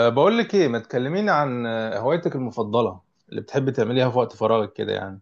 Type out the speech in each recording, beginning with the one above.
بقول لك ايه، ما تكلميني عن هوايتك المفضله اللي بتحبي تعمليها في وقت فراغك كده يعني.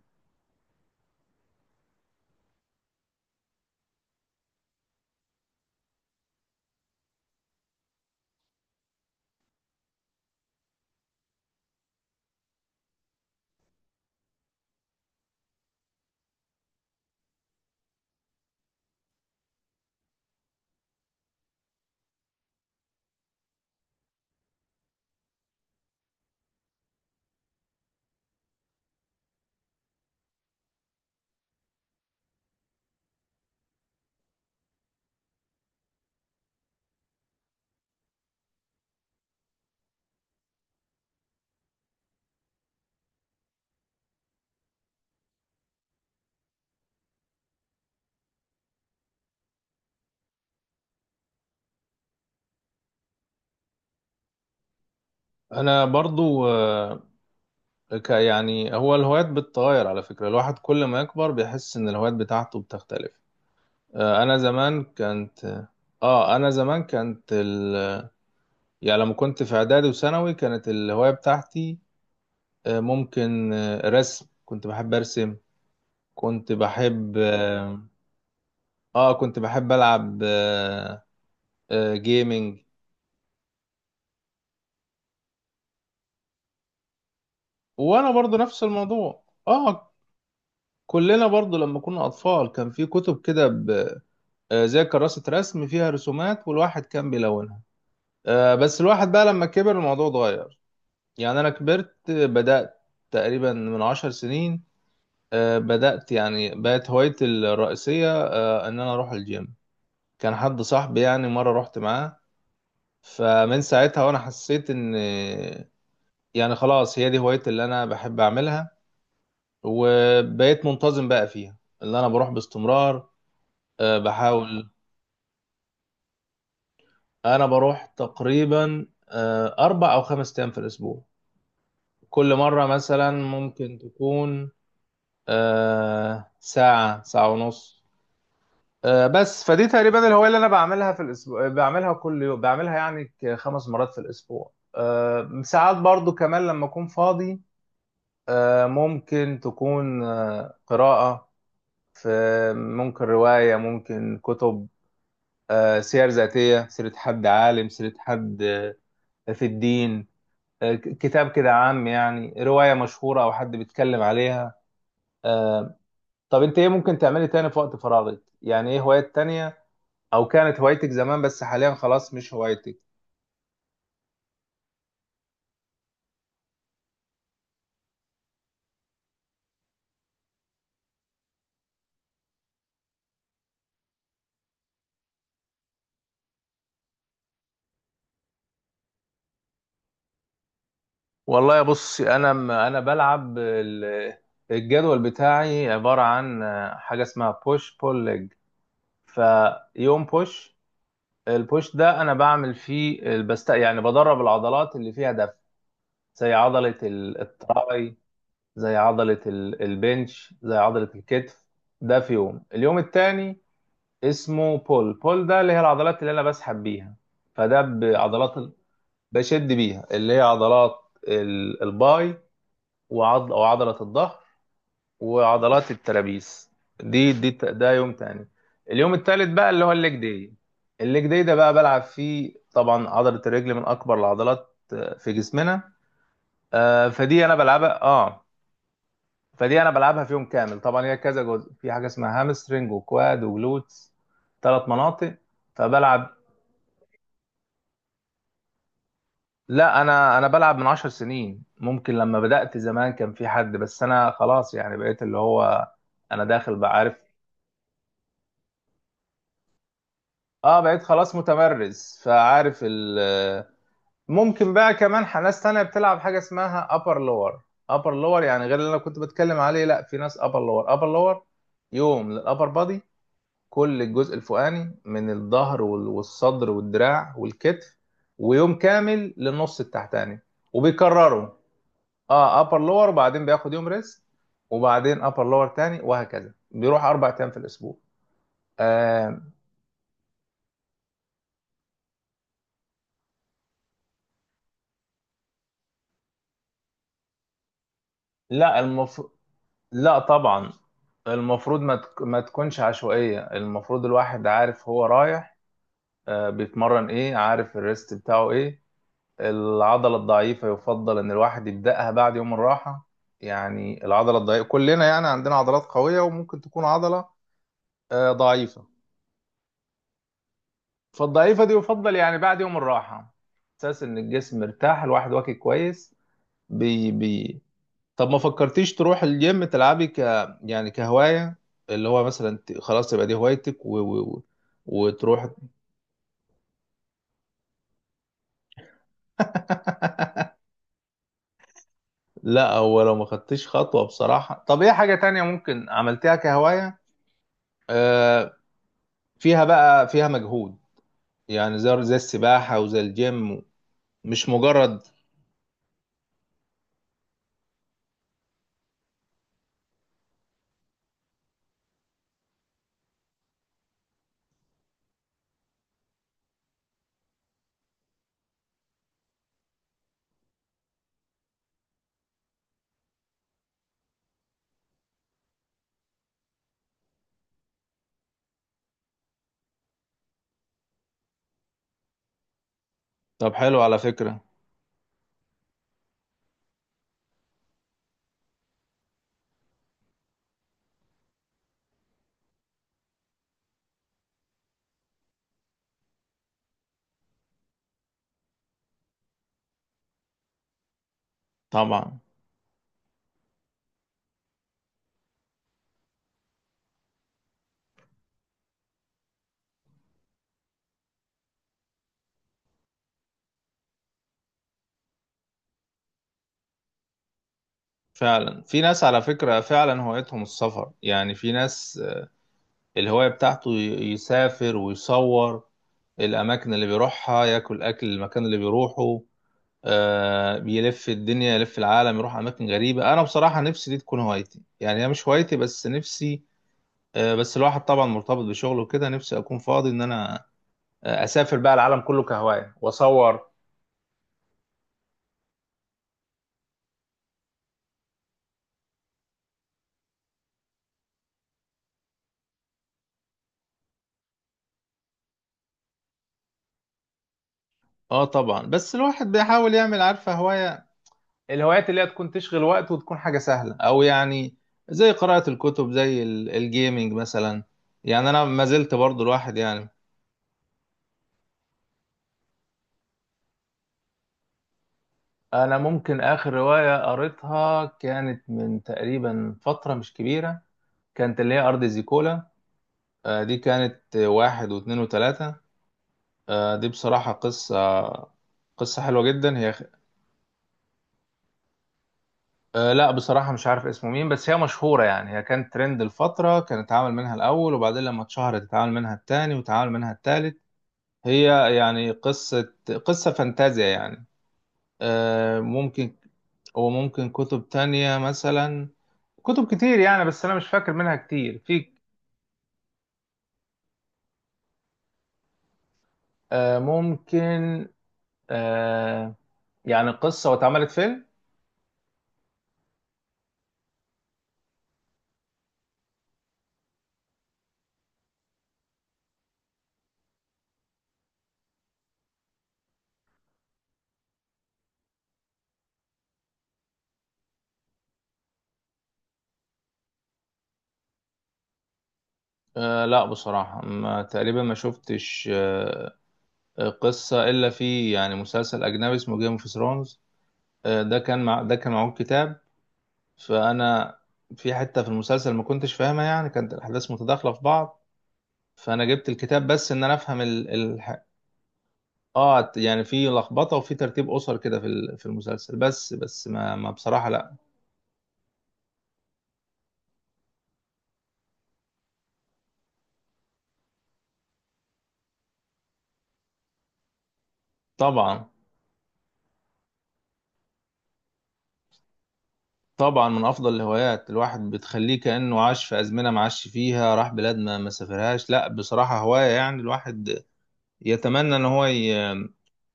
انا برضو، أه، ك يعني هو الهوايات بتتغير على فكره. الواحد كل ما يكبر بيحس ان الهوايات بتاعته بتختلف. أه، انا زمان كانت اه انا زمان كانت ال. يعني لما كنت في اعدادي وثانوي، كانت الهوايه بتاعتي ممكن رسم. كنت بحب ارسم، كنت بحب اه كنت بحب العب جيمنج. وانا برضو نفس الموضوع اه كلنا برضو لما كنا اطفال كان في كتب كده زي كراسة رسم فيها رسومات والواحد كان بيلونها. بس الواحد بقى لما كبر الموضوع اتغير. يعني انا كبرت، بدأت تقريبا من 10 سنين. بدأت يعني بقت هوايتي الرئيسية، ان انا اروح الجيم. كان حد صاحبي يعني، مرة رحت معاه، فمن ساعتها وانا حسيت ان يعني خلاص هي دي هوايتي اللي انا بحب اعملها. وبقيت منتظم بقى فيها، اللي انا بروح باستمرار. بحاول. انا بروح تقريبا 4 او 5 ايام في الاسبوع. كل مره مثلا ممكن تكون ساعه، ساعه ونص. بس فدي تقريبا الهوايه اللي انا بعملها في الاسبوع. بعملها كل يوم، بعملها يعني 5 مرات في الاسبوع. ساعات برضو كمان لما اكون فاضي ممكن تكون قراءه. في ممكن روايه، ممكن كتب، سير ذاتية، سيرة حد عالم، سيرة حد في الدين، كتاب كده عام، يعني رواية مشهورة أو حد بيتكلم عليها آه، طب أنت إيه ممكن تعملي تاني في وقت فراغك؟ يعني إيه هوايات تانية أو كانت هوايتك زمان بس حاليا خلاص مش هوايتك؟ والله يا بص، أنا بلعب الجدول بتاعي عبارة عن حاجة اسمها بوش بول ليج. فيوم بوش، البوش ده أنا بعمل فيه بست، يعني بدرب العضلات اللي فيها دفع، زي عضلة التراي، زي عضلة البنش، زي عضلة الكتف. ده في يوم، اليوم التاني اسمه بول. بول ده اللي هي العضلات اللي أنا بسحب بيها. فده بعضلات بشد بيها، اللي هي عضلات الباي، أو عضلة الظهر، وعضلات الترابيز. ده يوم تاني. اليوم التالت بقى اللي هو الليج داي ده بقى بلعب فيه، طبعا عضلة الرجل من أكبر العضلات في جسمنا. فدي أنا بلعبها اه فدي انا بلعبها في يوم كامل، طبعا هي كذا جزء، في حاجه اسمها هامسترنج وكواد وجلوتس، 3 مناطق فبلعب. لا، انا بلعب من 10 سنين. ممكن لما بدأت زمان كان في حد، بس انا خلاص يعني بقيت اللي هو انا داخل بعرف. اه بقيت خلاص متمرس فعارف ال. ممكن بقى كمان ناس تانية بتلعب حاجة اسمها upper lower. upper lower يعني غير اللي انا كنت بتكلم عليه. لا في ناس upper lower. يوم للupper body، كل الجزء الفوقاني من الظهر والصدر والدراع والكتف، ويوم كامل للنص التحتاني، وبيكرروا. اه ابر لور، وبعدين بياخد يوم ريست، وبعدين ابر لور تاني، وهكذا بيروح 4 ايام في الاسبوع آه لا المفروض، لا طبعا. المفروض ما تكونش عشوائية. المفروض الواحد عارف هو رايح، بيتمرن ايه، عارف الريست بتاعه ايه. العضلة الضعيفة يفضل إن الواحد يبدأها بعد يوم الراحة. يعني العضلة الضعيفة، كلنا يعني عندنا عضلات قوية وممكن تكون عضلة ضعيفة. فالضعيفة دي يفضل يعني بعد يوم الراحة، أساس إن الجسم مرتاح الواحد واكل كويس. بي بي. طب ما فكرتيش تروح الجيم تلعبي يعني كهواية، اللي هو مثلا خلاص يبقى دي هوايتك وتروح. لا هو لو ما خدتيش خطوة بصراحة. طب ايه حاجة تانية ممكن عملتيها كهواية آه، فيها بقى، فيها مجهود يعني، زي السباحة وزي الجيم، مش مجرد. طب حلو على فكرة، طبعا. فعلا في ناس على فكرة فعلا هوايتهم السفر، يعني في ناس الهواية بتاعته يسافر ويصور الأماكن اللي بيروحها، ياكل أكل المكان اللي بيروحه. بيلف الدنيا، يلف العالم، يروح أماكن غريبة. أنا بصراحة نفسي دي تكون هوايتي، يعني هي مش هوايتي بس نفسي. بس الواحد طبعا مرتبط بشغله وكده، نفسي أكون فاضي إن أنا اسافر بقى العالم كله كهوايه واصور. اه طبعا، بس الواحد بيحاول يعمل، عارفه، هوايه. الهوايات اللي هي تكون تشغل وقت وتكون حاجه سهله، او يعني زي قراءه الكتب، زي الجيمينج مثلا. يعني انا ما زلت برضو الواحد يعني. انا ممكن اخر روايه قريتها كانت من تقريبا فتره مش كبيره، كانت اللي هي ارض زيكولا. دي كانت 1 و2 و3. دي بصراحه قصه، قصه حلوه جدا هي. لا بصراحة مش عارف اسمه مين، بس هي مشهورة يعني. هي كانت ترند الفترة، كان اتعمل منها الأول، وبعدين لما اتشهرت اتعمل منها التاني، واتعمل منها التالت. هي يعني قصة، قصة فانتازيا يعني. ممكن. وممكن كتب تانية مثلا، كتب كتير يعني بس أنا مش فاكر منها كتير. في ممكن أه يعني قصة واتعملت فيلم. لا بصراحة، ما تقريبا ما شفتش قصة إلا في يعني مسلسل أجنبي اسمه جيم اوف ثرونز. ده كان معه كتاب. فأنا في حتة في المسلسل ما كنتش فاهمها، يعني كانت الأحداث متداخلة في بعض. فأنا جبت الكتاب بس إن أنا أفهم ال. يعني في لخبطة وفي ترتيب أسر كده في في المسلسل، بس ما بصراحة لأ. طبعا، طبعا من أفضل الهوايات، الواحد بتخليه كأنه عاش في أزمنة ما عاش فيها، راح بلاد ما سافرهاش. لأ بصراحة هواية يعني الواحد يتمنى إن هو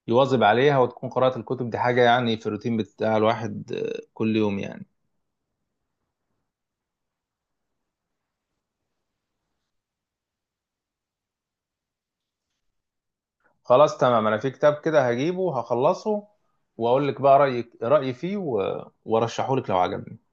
يواظب عليها، وتكون قراءة الكتب دي حاجة يعني في الروتين بتاع الواحد كل يوم يعني. خلاص تمام، أنا في كتاب كده هجيبه، هخلصه وأقول لك بقى رأيي فيه و- وأرشحه لك لو عجبك.